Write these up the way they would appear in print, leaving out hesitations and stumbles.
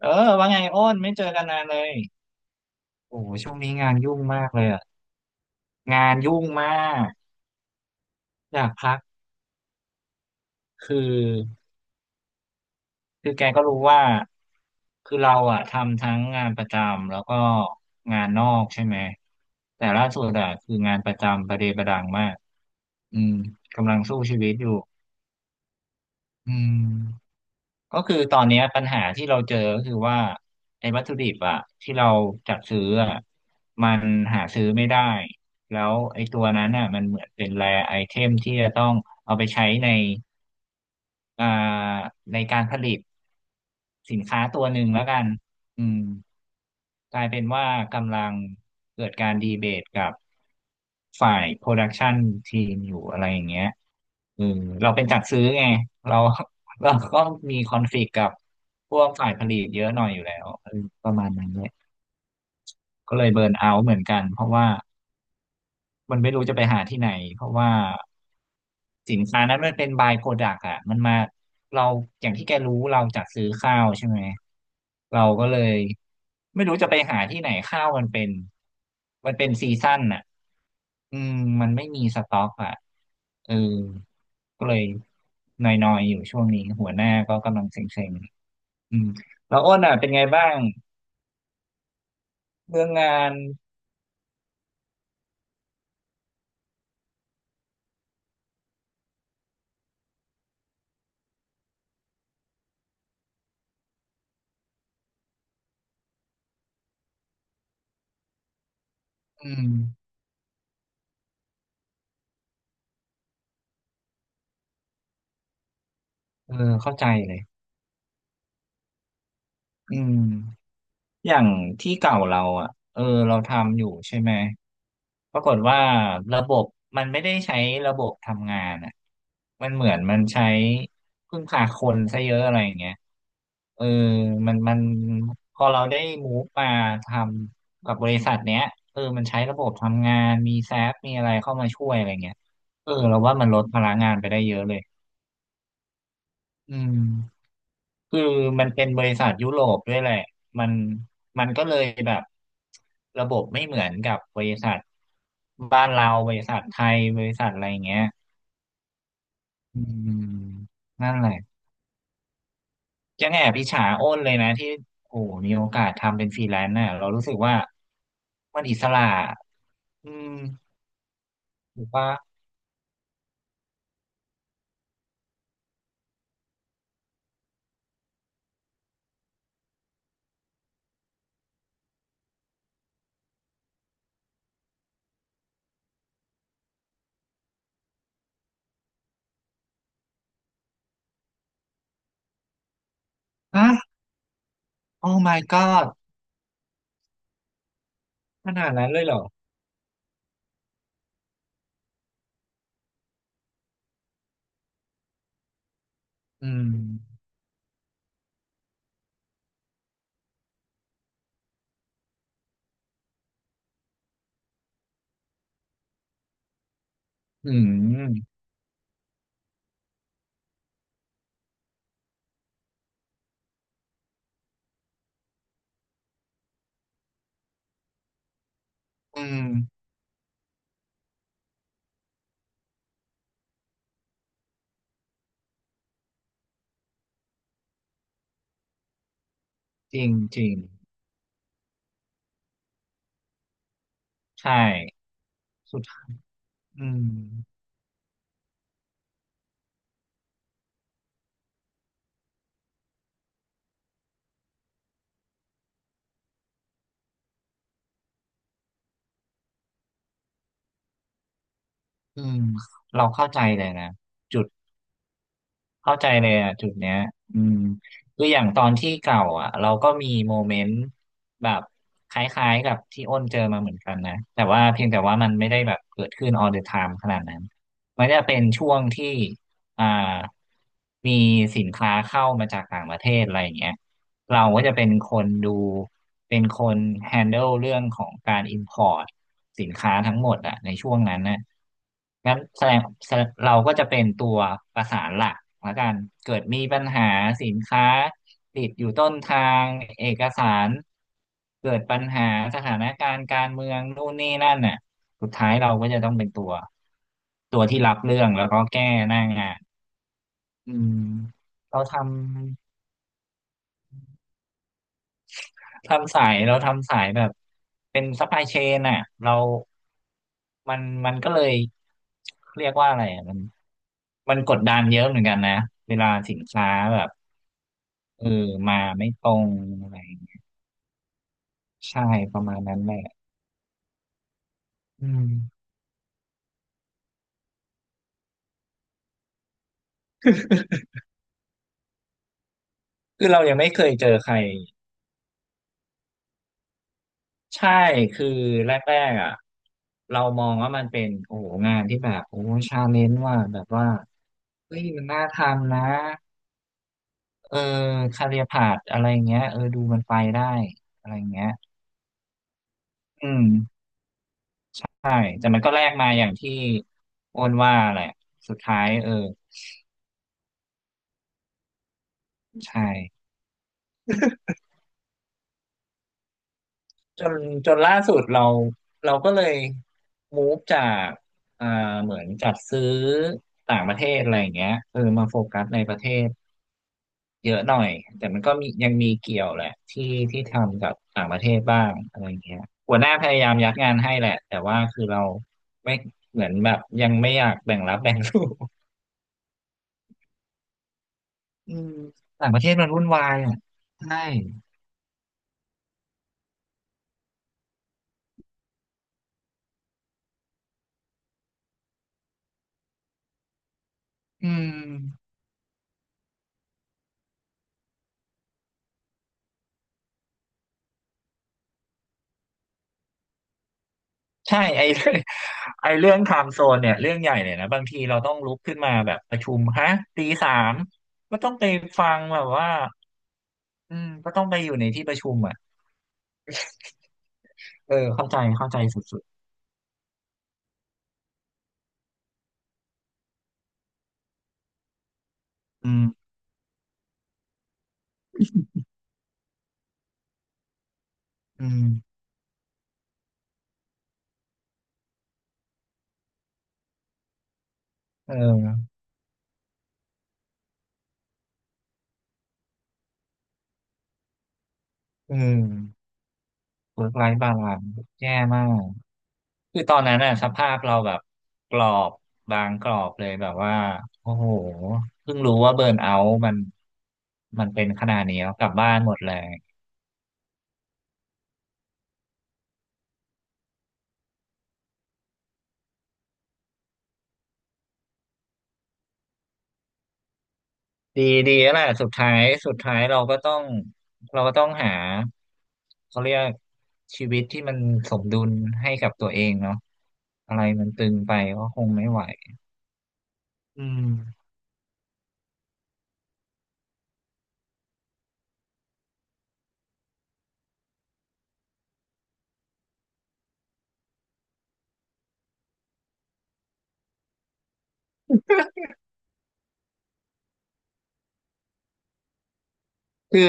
เออว่าไงอ้นไม่เจอกันนานเลยโอ้โหช่วงนี้งานยุ่งมากเลยอะงานยุ่งมากอยากพักคือคือแกก็รู้ว่าคือเราอะทำทั้งงานประจำแล้วก็งานนอกใช่ไหมแต่ล่าสุดอะคืองานประจำประเดประดังมากอืมกำลังสู้ชีวิตอยู่อืม ก็คือตอนเนี้ยปัญหาที่เราเจอก็คือว่าไอ้วัตถุดิบอะที่เราจัดซื้ออะมันหาซื้อไม่ได้แล้วไอ้ตัวนั้นน่ะมันเหมือนเป็นแรไอเทมที่จะต้องเอาไปใช้ในอ่าในการผลิตสินค้าตัวหนึ่งแล้วกันอืมกลายเป็นว่ากำลังเกิดการดีเบตกับฝ่ายโปรดักชันทีมอยู่อะไรอย่างเงี้ย เราเป็นจัดซื้อไงเราเราก็มีคอนฟ lict กับพวกฝ่ายผลิตเยอะหน่อยอยู่แล้วเออประมาณนั้นเนี่ยก็เลยเบิร์นเอาท์เหมือนกันเพราะว่ามันไม่รู้จะไปหาที่ไหนเพราะว่าสินค้านั้นมันเป็นบายโปรดักต์อะมันมาเราอย่างที่แกรู้เราจัดซื้อข้าวใช่ไหมเราก็เลยไม่รู้จะไปหาที่ไหนข้าวมันเป็นซีซั่นอะอืมมันไม่มีสต็อกอะ เออก็เลยนอยๆอยู่ช่วงนี้หัวหน้าก็กำลังเซ็งๆอืมแล้วอ้นอ่ะเป็นไงบ้างเรื่องงานอืมเออเข้าใจเลยอืม อย่างที่เก่าเราอ่ะเออเราทำอยู่ใช่ไหมปรากฏว่าระบบมันไม่ได้ใช้ระบบทำงานอ่ะมันเหมือนพึ่งพาคนซะเยอะอะไรอย่างเงี้ยเออมันพอเราได้มูฟมาทำกับบริษัทเนี้ยเออมันใช้ระบบทำงาน มีแซฟมีอะไรเข้ามาช่วยอะไรเงี้ยเออเราว่ามันลดพลังงานไปได้เยอะเลยอืม คือมันเป็นบริษัทยุโรปด้วยแหละมันมันก็เลยแบบระบบไม่เหมือนกับบริษัทบ้านเราบริษัทไทยบริษัทอะไรอย่างเงี้ยอืมนั่นแหละยังแอบอิจฉาอ้นเลยนะที่โอ้โหมีโอกาสทำเป็นฟรีแลนซ์น่ะเรารู้สึกว่ามันอิสระอืมถูกปะฮะ Oh my god ขนาดนั้นเลยเหรออืมอืมอืมจริงจริงใช่สุดทายอืม อืมเราเข้าใจเลยนะจุดเข้าใจเลยอ่ะจุดเนี้ยอืมคืออย่างตอนที่เก่าอ่ะเราก็มีโมเมนต์แบบคล้ายๆกับที่อ้นเจอมาเหมือนกันนะแต่ว่าเพียงแต่ว่ามันไม่ได้แบบเกิดขึ้น all the time ขนาดนั้นมันจะเป็นช่วงที่อ่ามีสินค้าเข้ามาจากต่างประเทศอะไรอย่างเงี้ย เราก็จะเป็นคนดูเป็นคน handle เรื่องของการ import สินค้าทั้งหมดอะในช่วงนั้นนะงั้นแสดงแสดงเราก็จะเป็นตัวประสานหลักละกันเกิดมีปัญหาสินค้าติดอยู่ต้นทางเอกสารเกิดปัญหาสถานการณ์การเมืองนู่นนี่นั่นน่ะสุดท้ายเราก็จะต้องเป็นตัวที่รับเรื่องแล้วก็แก้หน้างานอืมเราทำ ทำสายเราทำสายแบบเป็นซัพพลายเชนอ่ะเรามันก็เลยเรียกว่าอะไรอะมันมันกดดันเยอะเหมือนกันนะเวลาสินค้าแบบเออมาไม่ตรงอะไรอย่างเงี้ยใช่ประมาณนั้นแหละอืม คือเรายังไม่เคยเจอใครใช่คือแรกๆอ่ะเรามองว่ามันเป็นโอ้โหงานที่แบบโอ้ชาเลนจ์ว่าแบบว่าเฮ้ยมันน่าทำนะ เออคาเรียพาธอะไรเงี้ยเออดูมันไปได้อะไรเงี้ยอืมใช่แต่มันก็แลกมาอย่างที่โอนว่าแหละสุดท้ายเออใช่จนจนล่าสุดเราก็เลยมูฟจากอ่าเหมือนจัดซื้อต่างประเทศอะไรอย่างเงี้ยเออมาโฟกัสในประเทศ เยอะหน่อยแต่มันก็มียังมีเกี่ยวแหละที่ทำกับต่างประเทศบ้างอะไรอย่างเงี้ยหัวหน้าพยายามยัดงานให้แหละแต่ว่าคือเราไม่เหมือนแบบยังไม่อยากแบ่งรับแบ่งสู้อืมต่างประเทศมันวุ่นวายอ่ะใช่อืมใช่ไอ้ เรื่องไอ้เรื่องไทม์โซนเนี่ยเรื่องใหญ่เลยนะบางทีเราต้องลุกขึ้นมาแบบประชุมฮะตีสามก็ต้องไปฟังแบบว่าอืมก็ต้องไปอยู่ในที่ประชุมอ่ะเออเข้าใจเข้าใจสุดๆอืมอืมเออ อืมเวิร์กไลฟ์บาลานซ์แย่มากคือตอนนั้นน่ะสภาพเราแบบกรอบบางกรอบเลยแบบว่าโอ้โหเพิ่งรู้ว่าเบิร์นเอาท์มันเป็นขนาดนี้แล้วกลับบ้านหมดเลยดีดีแล้วแหละสุดท้ายสุดท้ายเราก็ต้องหาเขาเรียกชีวิตที่มันสมดุลให้กับตัวเองเนาะอะไรมันตึงไปก็คงไม่ไหวอืมคือ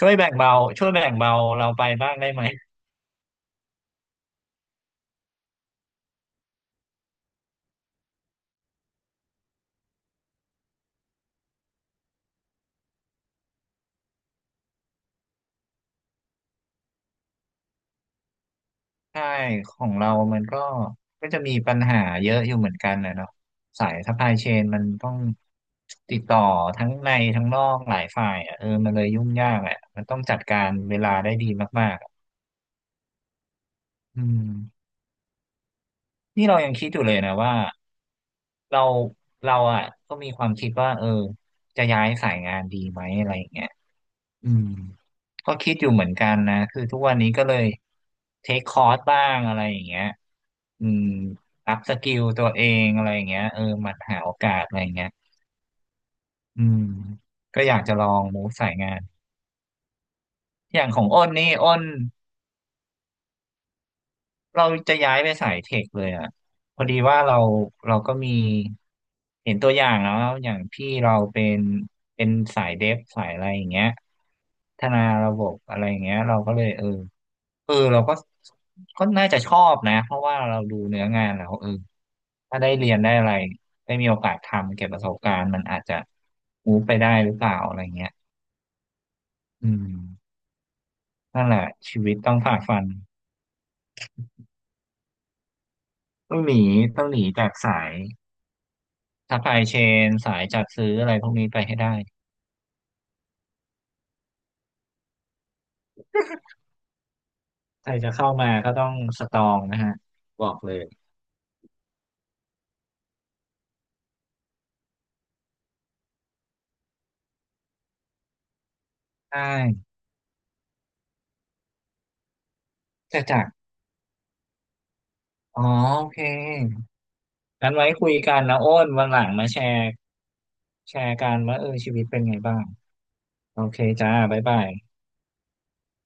ช่วยแบ่งเบาช่วยแบ่งเบาเราไปบ้างได้ไหม ใช่ของเรามันก็ก็จะมีปัญหาเยอะอยู่เหมือนกันนะเนาะสายซัพพลายเชนมันต้องติดต่อทั้งในทั้งนอกหลายฝ่ายอ่ะเออมันเลยยุ่งยากแหละมันต้องจัดการเวลาได้ดีมากๆอะอืมนี่เรายังคิดอยู่เลยนะว่าเราเราอ่ะก็มีความคิดว่าเออจะย้ายสายงานดีไหมอะไรอย่างเงี้ยอืม ก็คิดอยู่เหมือนกันนะคือทุกวันนี้ก็เลยเทคคอร์สบ้างอะไรอย่างเงี้ยอืมอัพสกิลตัวเองอะไรอย่างเงี้ยเออหมันหาโอกาสอะไรอย่างเงี้ยอืมก็อยากจะลองมูฟสายงาน อย่างของอ้นนี่อ้นเราจะย้ายไปสายเทคเลยอ่ะพอดีว่าเราเราก็มีเห็นตัวอย่างแล้วอย่างพี่เราเป็นสายเดฟสายอะไรอย่างเงี้ยพัฒนาระบบอะไรอย่างเงี้ยเราก็เลยเออ เออเราก็ก็น่าจะชอบนะเพราะว่าเราดูเนื้องานแล้วเออถ้าได้เรียนได้อะไรได้มีโอกาสทำเก็บประสบการณ์มันอาจจะมูฟไปได้หรือเปล่าอะไรเงี้ยอืมนั่นแหละชีวิตต้องฝ่าฟันต้องหนีต้องหนีจากสายซัพพลายเชนสายจัดซื้ออะไรพวกนี้ไปให้ได้ใครจะเข้ามาก็ต้องสตรองนะฮะบอกเลยใช่จะจักรอ๋อโอเคงั้นไว้คุยกันนะโอ้นวันหลังมาแชร์แชร์กันว่าเออชีวิตเป็นไงบ้าง โอเคจ้า บ๊ายบาย